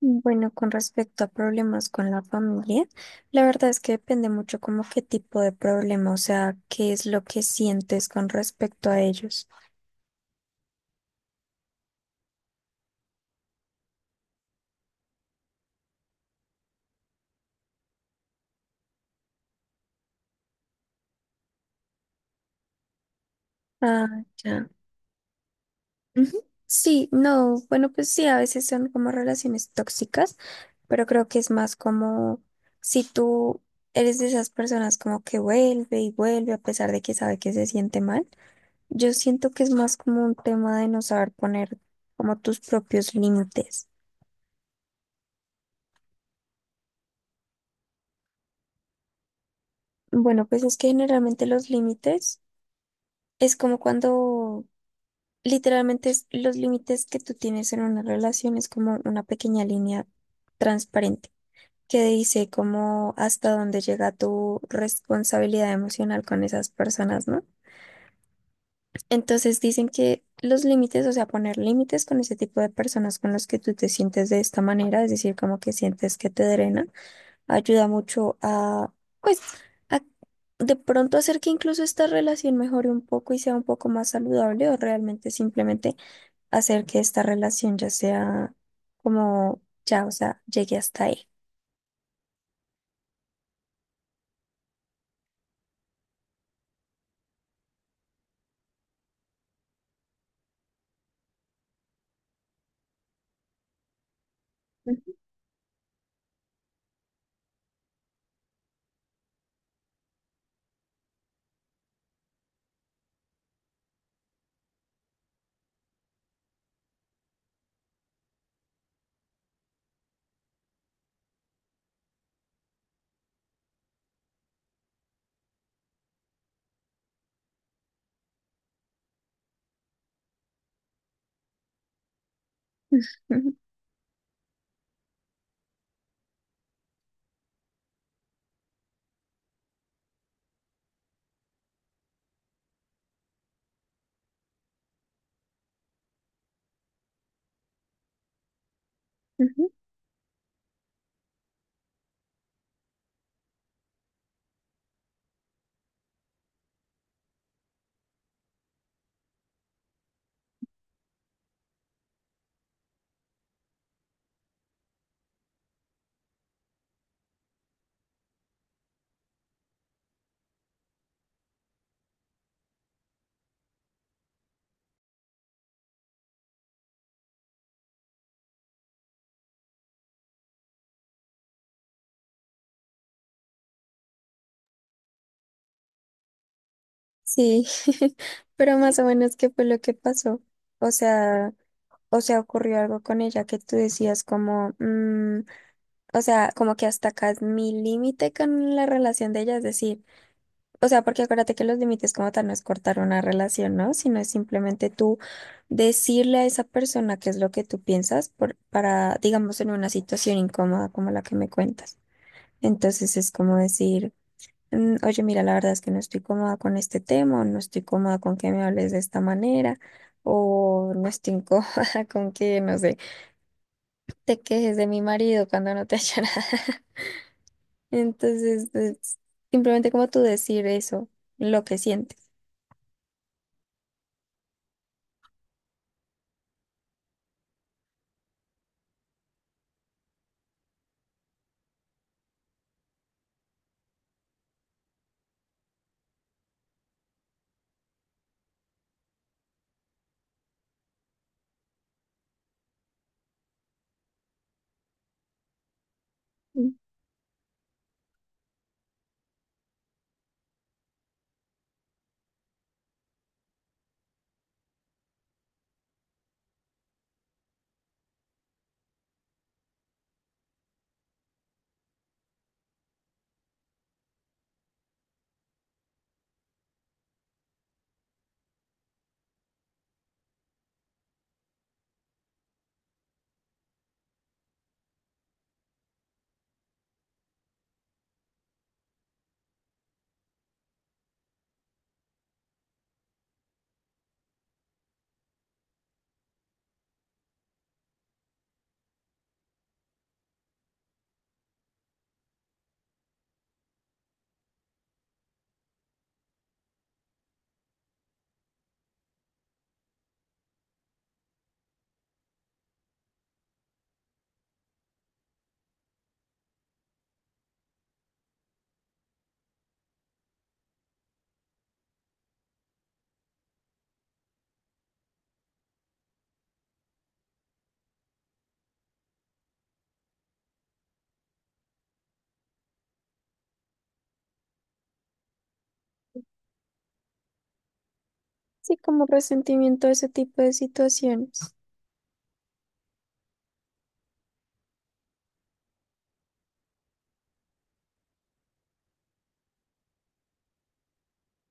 Bueno, con respecto a problemas con la familia, la verdad es que depende mucho como qué tipo de problema, o sea, qué es lo que sientes con respecto a ellos. Ah, ya. Ujú. Sí, no, bueno, pues sí, a veces son como relaciones tóxicas, pero creo que es más como si tú eres de esas personas como que vuelve y vuelve a pesar de que sabe que se siente mal. Yo siento que es más como un tema de no saber poner como tus propios límites. Bueno, pues es que generalmente los límites es como cuando literalmente los límites que tú tienes en una relación es como una pequeña línea transparente que dice como hasta dónde llega tu responsabilidad emocional con esas personas, ¿no? Entonces dicen que los límites, o sea, poner límites con ese tipo de personas con los que tú te sientes de esta manera, es decir, como que sientes que te drenan ayuda mucho a, pues, a de pronto hacer que incluso esta relación mejore un poco y sea un poco más saludable o realmente simplemente hacer que esta relación ya sea como, ya, o sea, llegue hasta ahí. Ujú, ujú. Ujú. Sí, pero más o menos qué fue lo que pasó. O sea, ocurrió algo con ella que tú decías como, mm, o sea, como que hasta acá es mi límite con la relación de ella, es decir. O sea, porque acuérdate que los límites como tal no es cortar una relación, ¿no? Sino es simplemente tú decirle a esa persona qué es lo que tú piensas por, para, digamos, en una situación incómoda como la que me cuentas. Entonces es como decir, "Mm, oye, mira, la verdad es que no estoy cómoda con este tema, o no estoy cómoda con que me hables de esta manera, o no estoy cómoda con que, no sé, te quejes de mi marido cuando no te ha hecho nada". Entonces, es simplemente como tú decir eso, lo que sientes. Sí, como resentimiento a ese tipo de situaciones.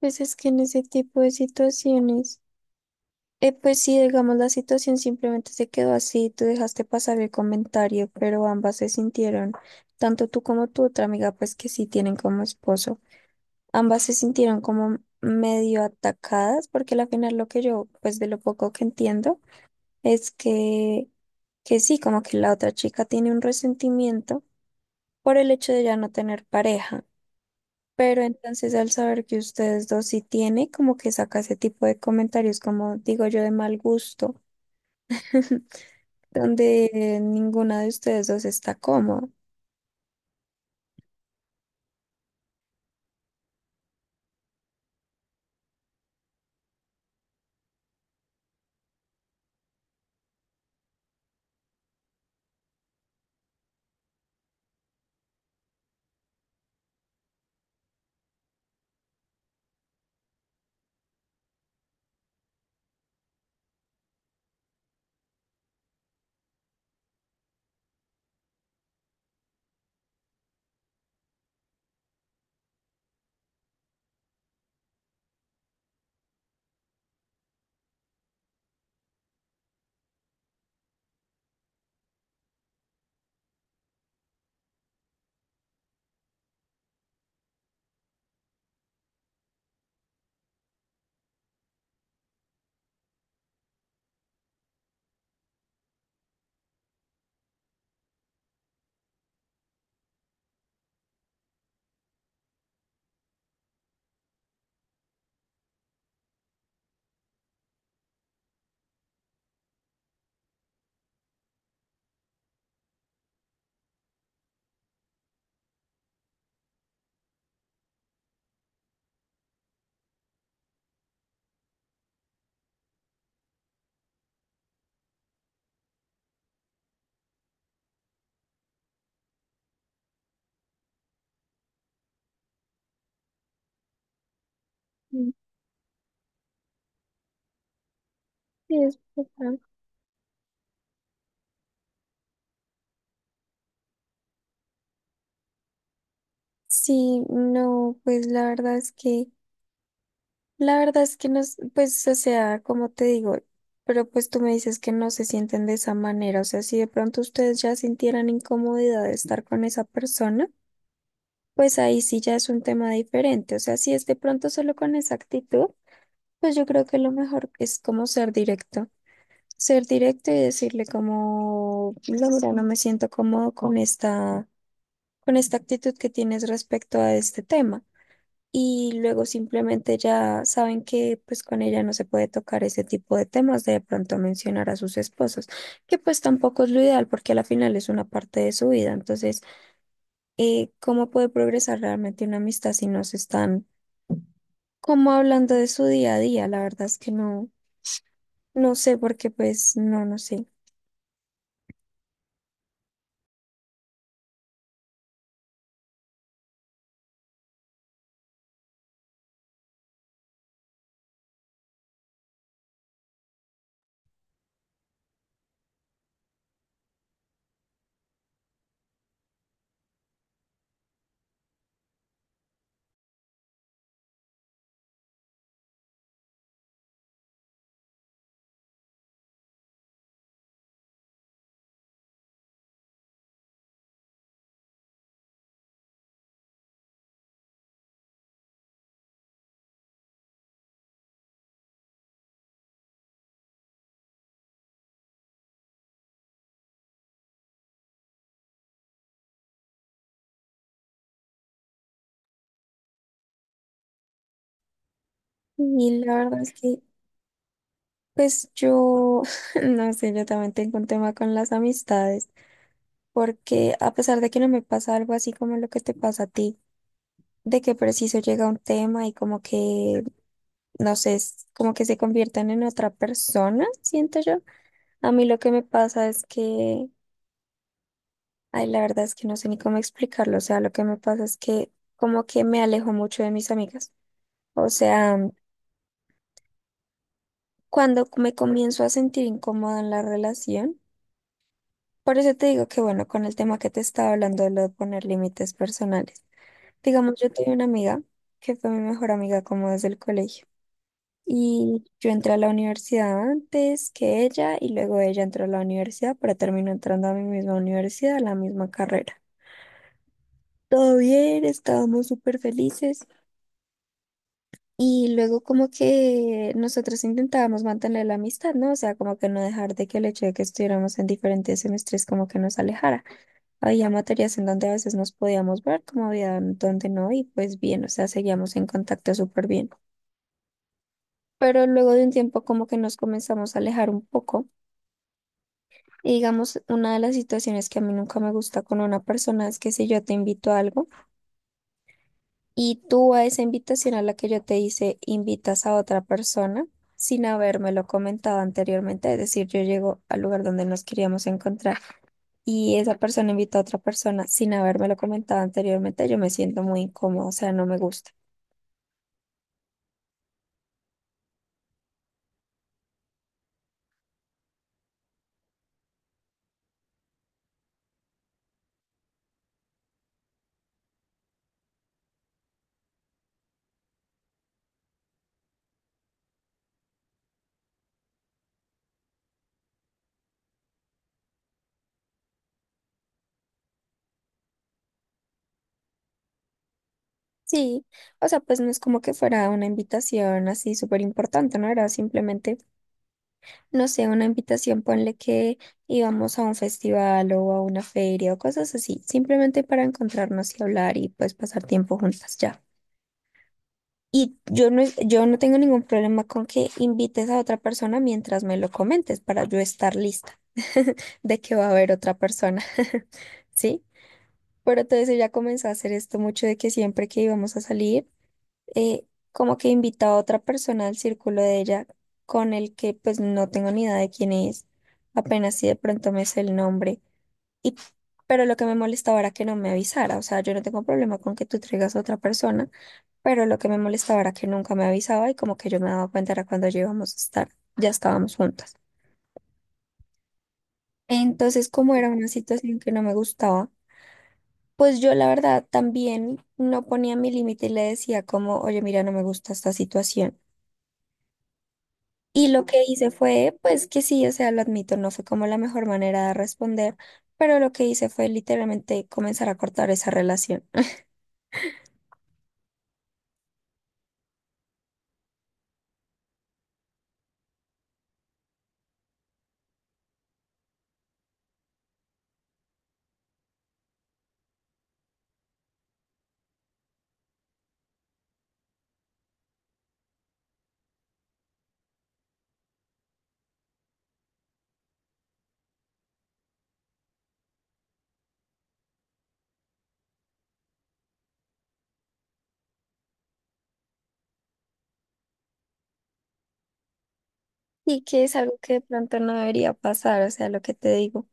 Pues es que en ese tipo de situaciones, pues sí, digamos, la situación simplemente se quedó así, tú dejaste pasar el comentario, pero ambas se sintieron, tanto tú como tu otra amiga, pues que sí tienen como esposo, ambas se sintieron como medio atacadas, porque al final lo que yo, pues de lo poco que entiendo, es que sí, como que la otra chica tiene un resentimiento por el hecho de ya no tener pareja. Pero entonces al saber que ustedes dos sí tiene, como que saca ese tipo de comentarios, como digo yo, de mal gusto, donde ninguna de ustedes dos está cómoda. Mm. Sí, es verdad. Sí, no, pues la verdad es que, la verdad es que no, pues, o sea, como te digo, pero pues tú me dices que no se sienten de esa manera, o sea, si de pronto ustedes ya sintieran incomodidad de estar con esa persona, pues ahí sí ya es un tema diferente, o sea, si es de pronto solo con esa actitud. Pues yo creo que lo mejor es como ser directo y decirle como, la verdad no me siento cómodo con esta actitud que tienes respecto a este tema. Y luego simplemente ya saben que pues con ella no se puede tocar ese tipo de temas, de pronto mencionar a sus esposos, que pues tampoco es lo ideal porque a la final es una parte de su vida. Entonces, ¿cómo puede progresar realmente una amistad si no se están como hablando de su día a día? La verdad es que no. No sé porque pues no, no sé. Y la verdad es que pues yo, no sé, yo también tengo un tema con las amistades, porque a pesar de que no me pasa algo así como lo que te pasa a ti, de que preciso llega un tema y como que, no sé, es como que se convierten en otra persona, siento yo. A mí lo que me pasa es que, ay, la verdad es que no sé ni cómo explicarlo, o sea, lo que me pasa es que como que me alejo mucho de mis amigas. O sea, cuando me comienzo a sentir incómoda en la relación, por eso te digo que, bueno, con el tema que te estaba hablando de lo de poner límites personales. Digamos, yo tuve una amiga que fue mi mejor amiga como desde el colegio. Y yo entré a la universidad antes que ella y luego ella entró a la universidad, pero terminó entrando a mi misma universidad, a la misma carrera. Todo bien, estábamos súper felices. Y luego como que nosotros intentábamos mantener la amistad, ¿no? O sea, como que no dejar de que el hecho de que estuviéramos en diferentes semestres como que nos alejara. Había materias en donde a veces nos podíamos ver, como había en donde no, y pues bien, o sea, seguíamos en contacto súper bien. Pero luego de un tiempo como que nos comenzamos a alejar un poco. Y digamos, una de las situaciones que a mí nunca me gusta con una persona es que si yo te invito a algo, y tú a esa invitación a la que yo te hice, invitas a otra persona sin habérmelo comentado anteriormente. Es decir, yo llego al lugar donde nos queríamos encontrar y esa persona invita a otra persona sin habérmelo comentado anteriormente. Yo me siento muy incómodo, o sea, no me gusta. Sí, o sea, pues no es como que fuera una invitación así súper importante, ¿no? Era simplemente, no sé, una invitación, ponle que íbamos a un festival o a una feria o cosas así, simplemente para encontrarnos y hablar y pues pasar tiempo juntas ya. Y yo no, yo no tengo ningún problema con que invites a otra persona mientras me lo comentes para yo estar lista de que va a haber otra persona, ¿sí? Pero entonces ella comenzó a hacer esto mucho de que siempre que íbamos a salir, eh, como que invitaba a otra persona al círculo de ella con el que pues no tengo ni idea de quién es, apenas si de pronto me sé el nombre. Y, pero lo que me molestaba era que no me avisara, o sea, yo no tengo problema con que tú traigas a otra persona, pero lo que me molestaba era que nunca me avisaba y como que yo me daba cuenta era cuando ya íbamos a estar, ya estábamos juntas. Entonces, como era una situación que no me gustaba, pues yo la verdad también no ponía mi límite y le decía como, oye, mira, no me gusta esta situación. Y lo que hice fue, pues que sí, o sea, lo admito, no fue como la mejor manera de responder, pero lo que hice fue literalmente comenzar a cortar esa relación. Y que es algo que de pronto no debería pasar, o sea, lo que te digo.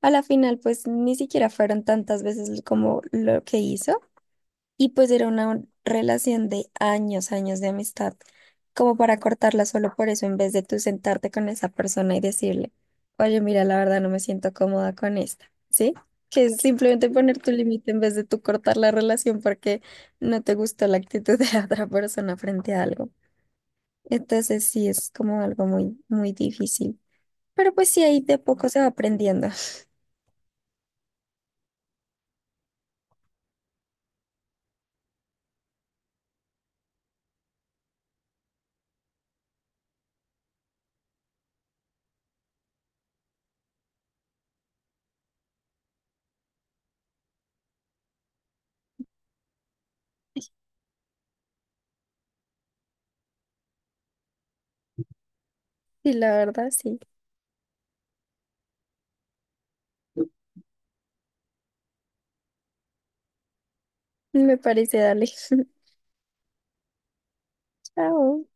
A la final, pues ni siquiera fueron tantas veces como lo que hizo. Y pues era una relación de años, años de amistad, como para cortarla solo por eso, en vez de tú sentarte con esa persona y decirle, oye, mira, la verdad no me siento cómoda con esta, ¿sí? Que es simplemente poner tu límite en vez de tú cortar la relación porque no te gustó la actitud de la otra persona frente a algo. Entonces sí, es como algo muy, muy difícil. Pero pues sí, ahí de poco se va aprendiendo. Y la verdad, sí. Me parece, dale. Chao.